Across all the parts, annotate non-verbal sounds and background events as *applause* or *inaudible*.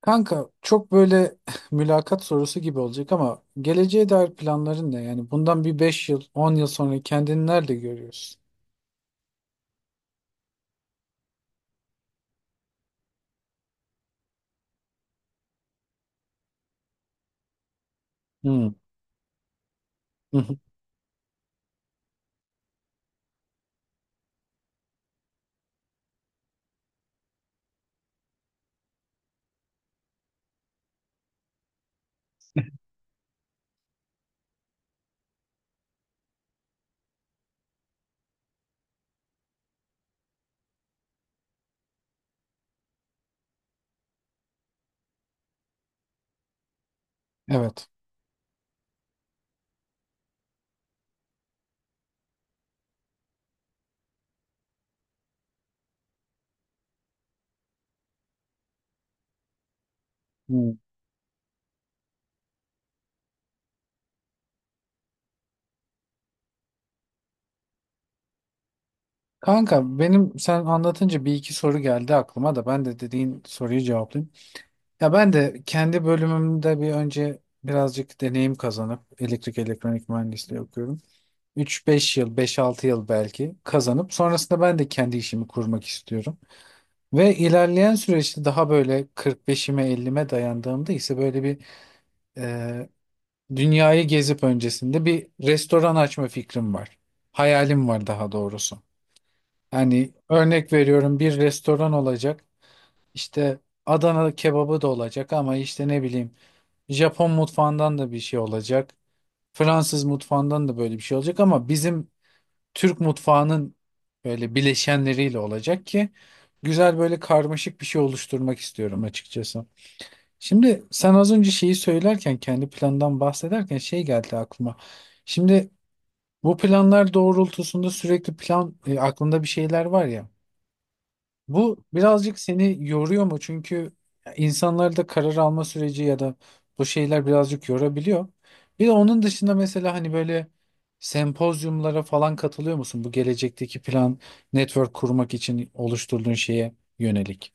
Kanka çok böyle *laughs* mülakat sorusu gibi olacak ama geleceğe dair planların ne? Yani bundan bir 5 yıl, 10 yıl sonra kendini nerede görüyorsun? Hmm. *laughs* Hı hı. Evet. Hmm. Kanka benim sen anlatınca bir iki soru geldi aklıma da ben de dediğin soruyu cevaplayayım. Ya ben de kendi bölümümde bir önce birazcık deneyim kazanıp elektrik elektronik mühendisliği okuyorum. Üç beş yıl, beş altı yıl belki kazanıp sonrasında ben de kendi işimi kurmak istiyorum. Ve ilerleyen süreçte daha böyle 45'ime 50'me dayandığımda ise böyle bir e, dünyayı gezip öncesinde bir restoran açma fikrim var. Hayalim var daha doğrusu. Yani örnek veriyorum bir restoran olacak. İşte Adana kebabı da olacak ama işte ne bileyim Japon mutfağından da bir şey olacak. Fransız mutfağından da böyle bir şey olacak ama bizim Türk mutfağının böyle bileşenleriyle olacak ki güzel böyle karmaşık bir şey oluşturmak istiyorum açıkçası. Şimdi sen az önce şeyi söylerken kendi plandan bahsederken şey geldi aklıma. Şimdi bu planlar doğrultusunda sürekli plan aklında bir şeyler var ya. Bu birazcık seni yoruyor mu? Çünkü insanlar da karar alma süreci ya da bu şeyler birazcık yorabiliyor. Bir de onun dışında mesela hani böyle sempozyumlara falan katılıyor musun? Bu gelecekteki plan, network kurmak için oluşturduğun şeye yönelik.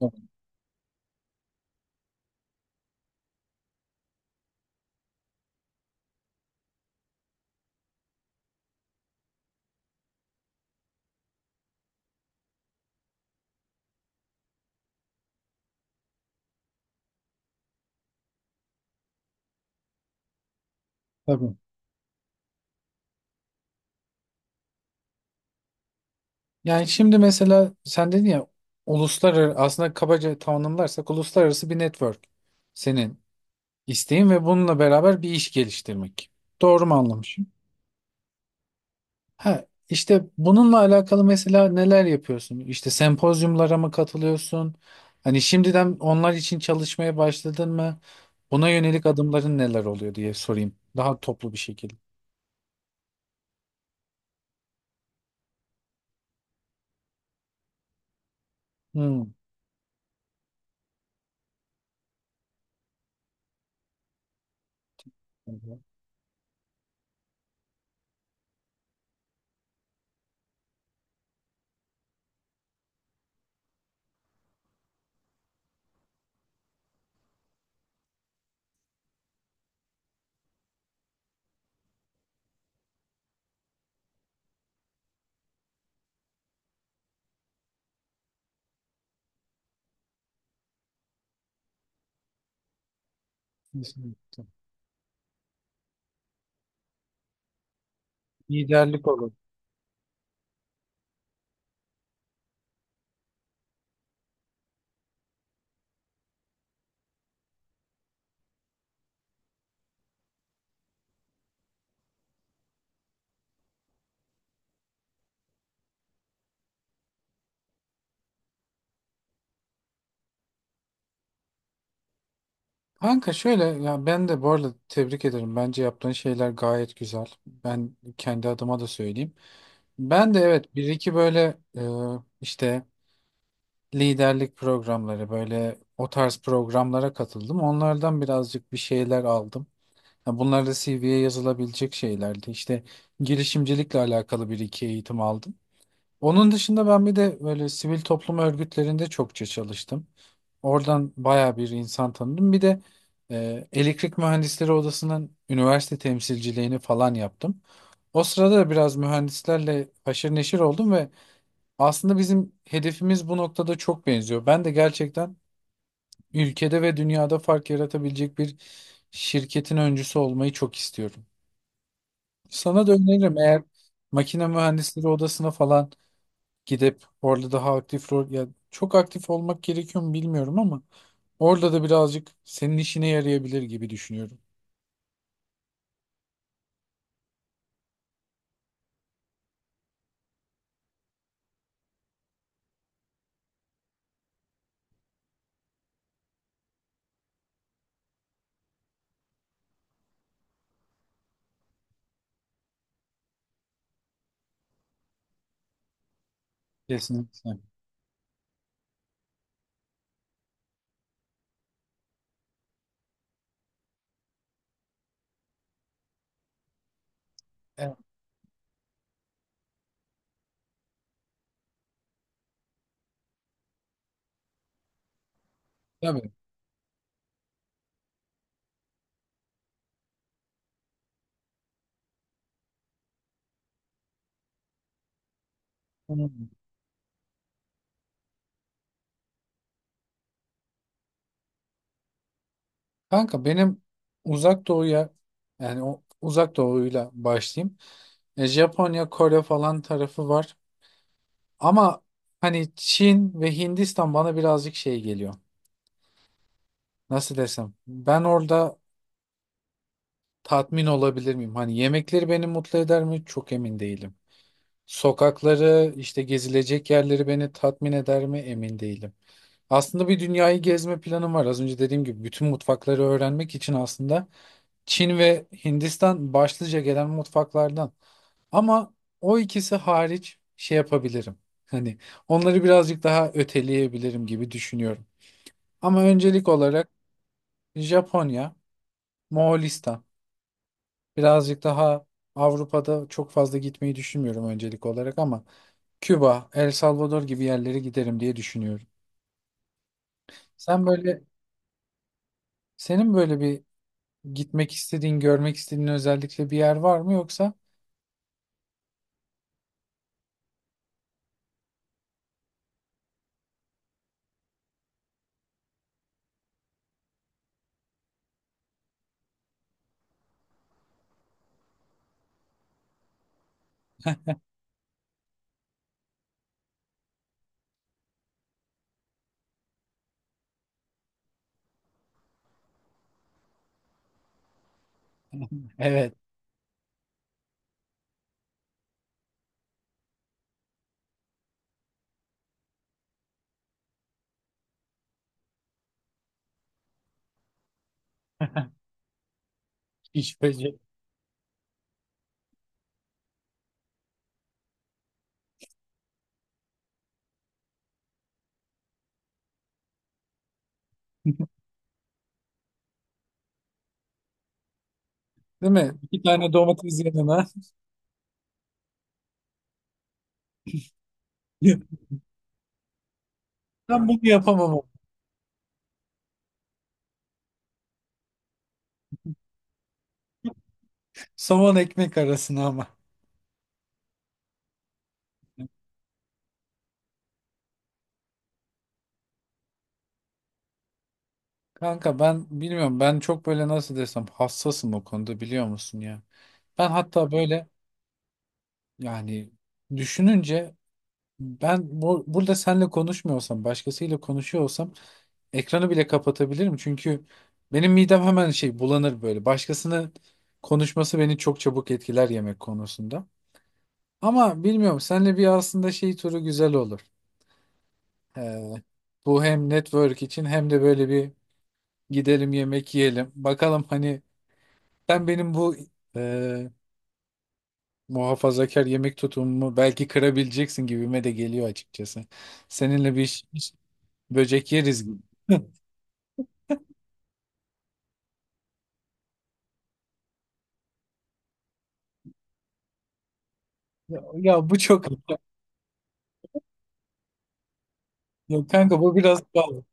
Evet. Tabii. Yani şimdi mesela sen dedin ya, uluslararası aslında kabaca tanımlarsak uluslararası bir network senin isteğin ve bununla beraber bir iş geliştirmek. Doğru mu anlamışım? Ha, işte bununla alakalı mesela neler yapıyorsun? İşte sempozyumlara mı katılıyorsun? Hani şimdiden onlar için çalışmaya başladın mı? Buna yönelik adımların neler oluyor diye sorayım. Daha toplu bir şekilde. Hmm. Kesinlikle. Liderlik olur. Kanka şöyle, ya ben de bu arada tebrik ederim. Bence yaptığın şeyler gayet güzel. Ben kendi adıma da söyleyeyim. Ben de evet bir iki böyle işte liderlik programları, böyle o tarz programlara katıldım. Onlardan birazcık bir şeyler aldım. Ha, bunlar da CV'ye yazılabilecek şeylerdi. İşte girişimcilikle alakalı bir iki eğitim aldım. Onun dışında ben bir de böyle sivil toplum örgütlerinde çokça çalıştım. Oradan baya bir insan tanıdım. Bir de elektrik mühendisleri odasının üniversite temsilciliğini falan yaptım. O sırada da biraz mühendislerle haşır neşir oldum ve aslında bizim hedefimiz bu noktada çok benziyor. Ben de gerçekten ülkede ve dünyada fark yaratabilecek bir şirketin öncüsü olmayı çok istiyorum. Sana da öneririm, eğer makine mühendisleri odasına falan gidip orada daha aktif rol, ya çok aktif olmak gerekiyor mu bilmiyorum ama orada da birazcık senin işine yarayabilir gibi düşünüyorum. Kesinlikle. Evet, tabii. Hı. Kanka benim uzak doğuya, yani o uzak doğuyla başlayayım. E, Japonya, Kore falan tarafı var. Ama hani Çin ve Hindistan bana birazcık şey geliyor. Nasıl desem? Ben orada tatmin olabilir miyim? Hani yemekleri beni mutlu eder mi? Çok emin değilim. Sokakları, işte gezilecek yerleri beni tatmin eder mi? Emin değilim. Aslında bir dünyayı gezme planım var. Az önce dediğim gibi bütün mutfakları öğrenmek için aslında Çin ve Hindistan başlıca gelen mutfaklardan. Ama o ikisi hariç şey yapabilirim. Hani onları birazcık daha öteleyebilirim gibi düşünüyorum. Ama öncelik olarak Japonya, Moğolistan. Birazcık daha Avrupa'da çok fazla gitmeyi düşünmüyorum öncelik olarak ama Küba, El Salvador gibi yerlere giderim diye düşünüyorum. Sen böyle, senin böyle bir gitmek istediğin, görmek istediğin özellikle bir yer var mı yoksa? Evet. *laughs* Hiç böcek. Değil mi? İki tane domates yanına. *laughs* Ben bunu yapamam. Somon ekmek arasına ama. Kanka ben bilmiyorum, ben çok böyle nasıl desem hassasım o konuda biliyor musun ya. Ben hatta böyle, yani düşününce, ben bu, burada seninle konuşmuyorsam başkasıyla konuşuyor olsam ekranı bile kapatabilirim. Çünkü benim midem hemen şey bulanır böyle. Başkasının konuşması beni çok çabuk etkiler yemek konusunda. Ama bilmiyorum, seninle bir aslında şey turu güzel olur. Ee, bu hem network için hem de böyle bir, gidelim yemek yiyelim. Bakalım hani sen benim bu e, muhafazakar yemek tutumumu belki kırabileceksin gibime de geliyor açıkçası. Seninle bir iş, iş- böcek yeriz gibi. Ya, ya bu çok... *laughs* Yok kanka bu biraz pahalı.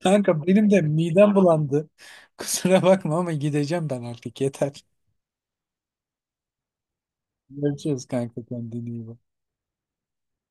Kanka benim de midem bulandı. *laughs* Kusura bakma ama gideceğim ben artık yeter. Görüşürüz kanka, kendine iyi bak.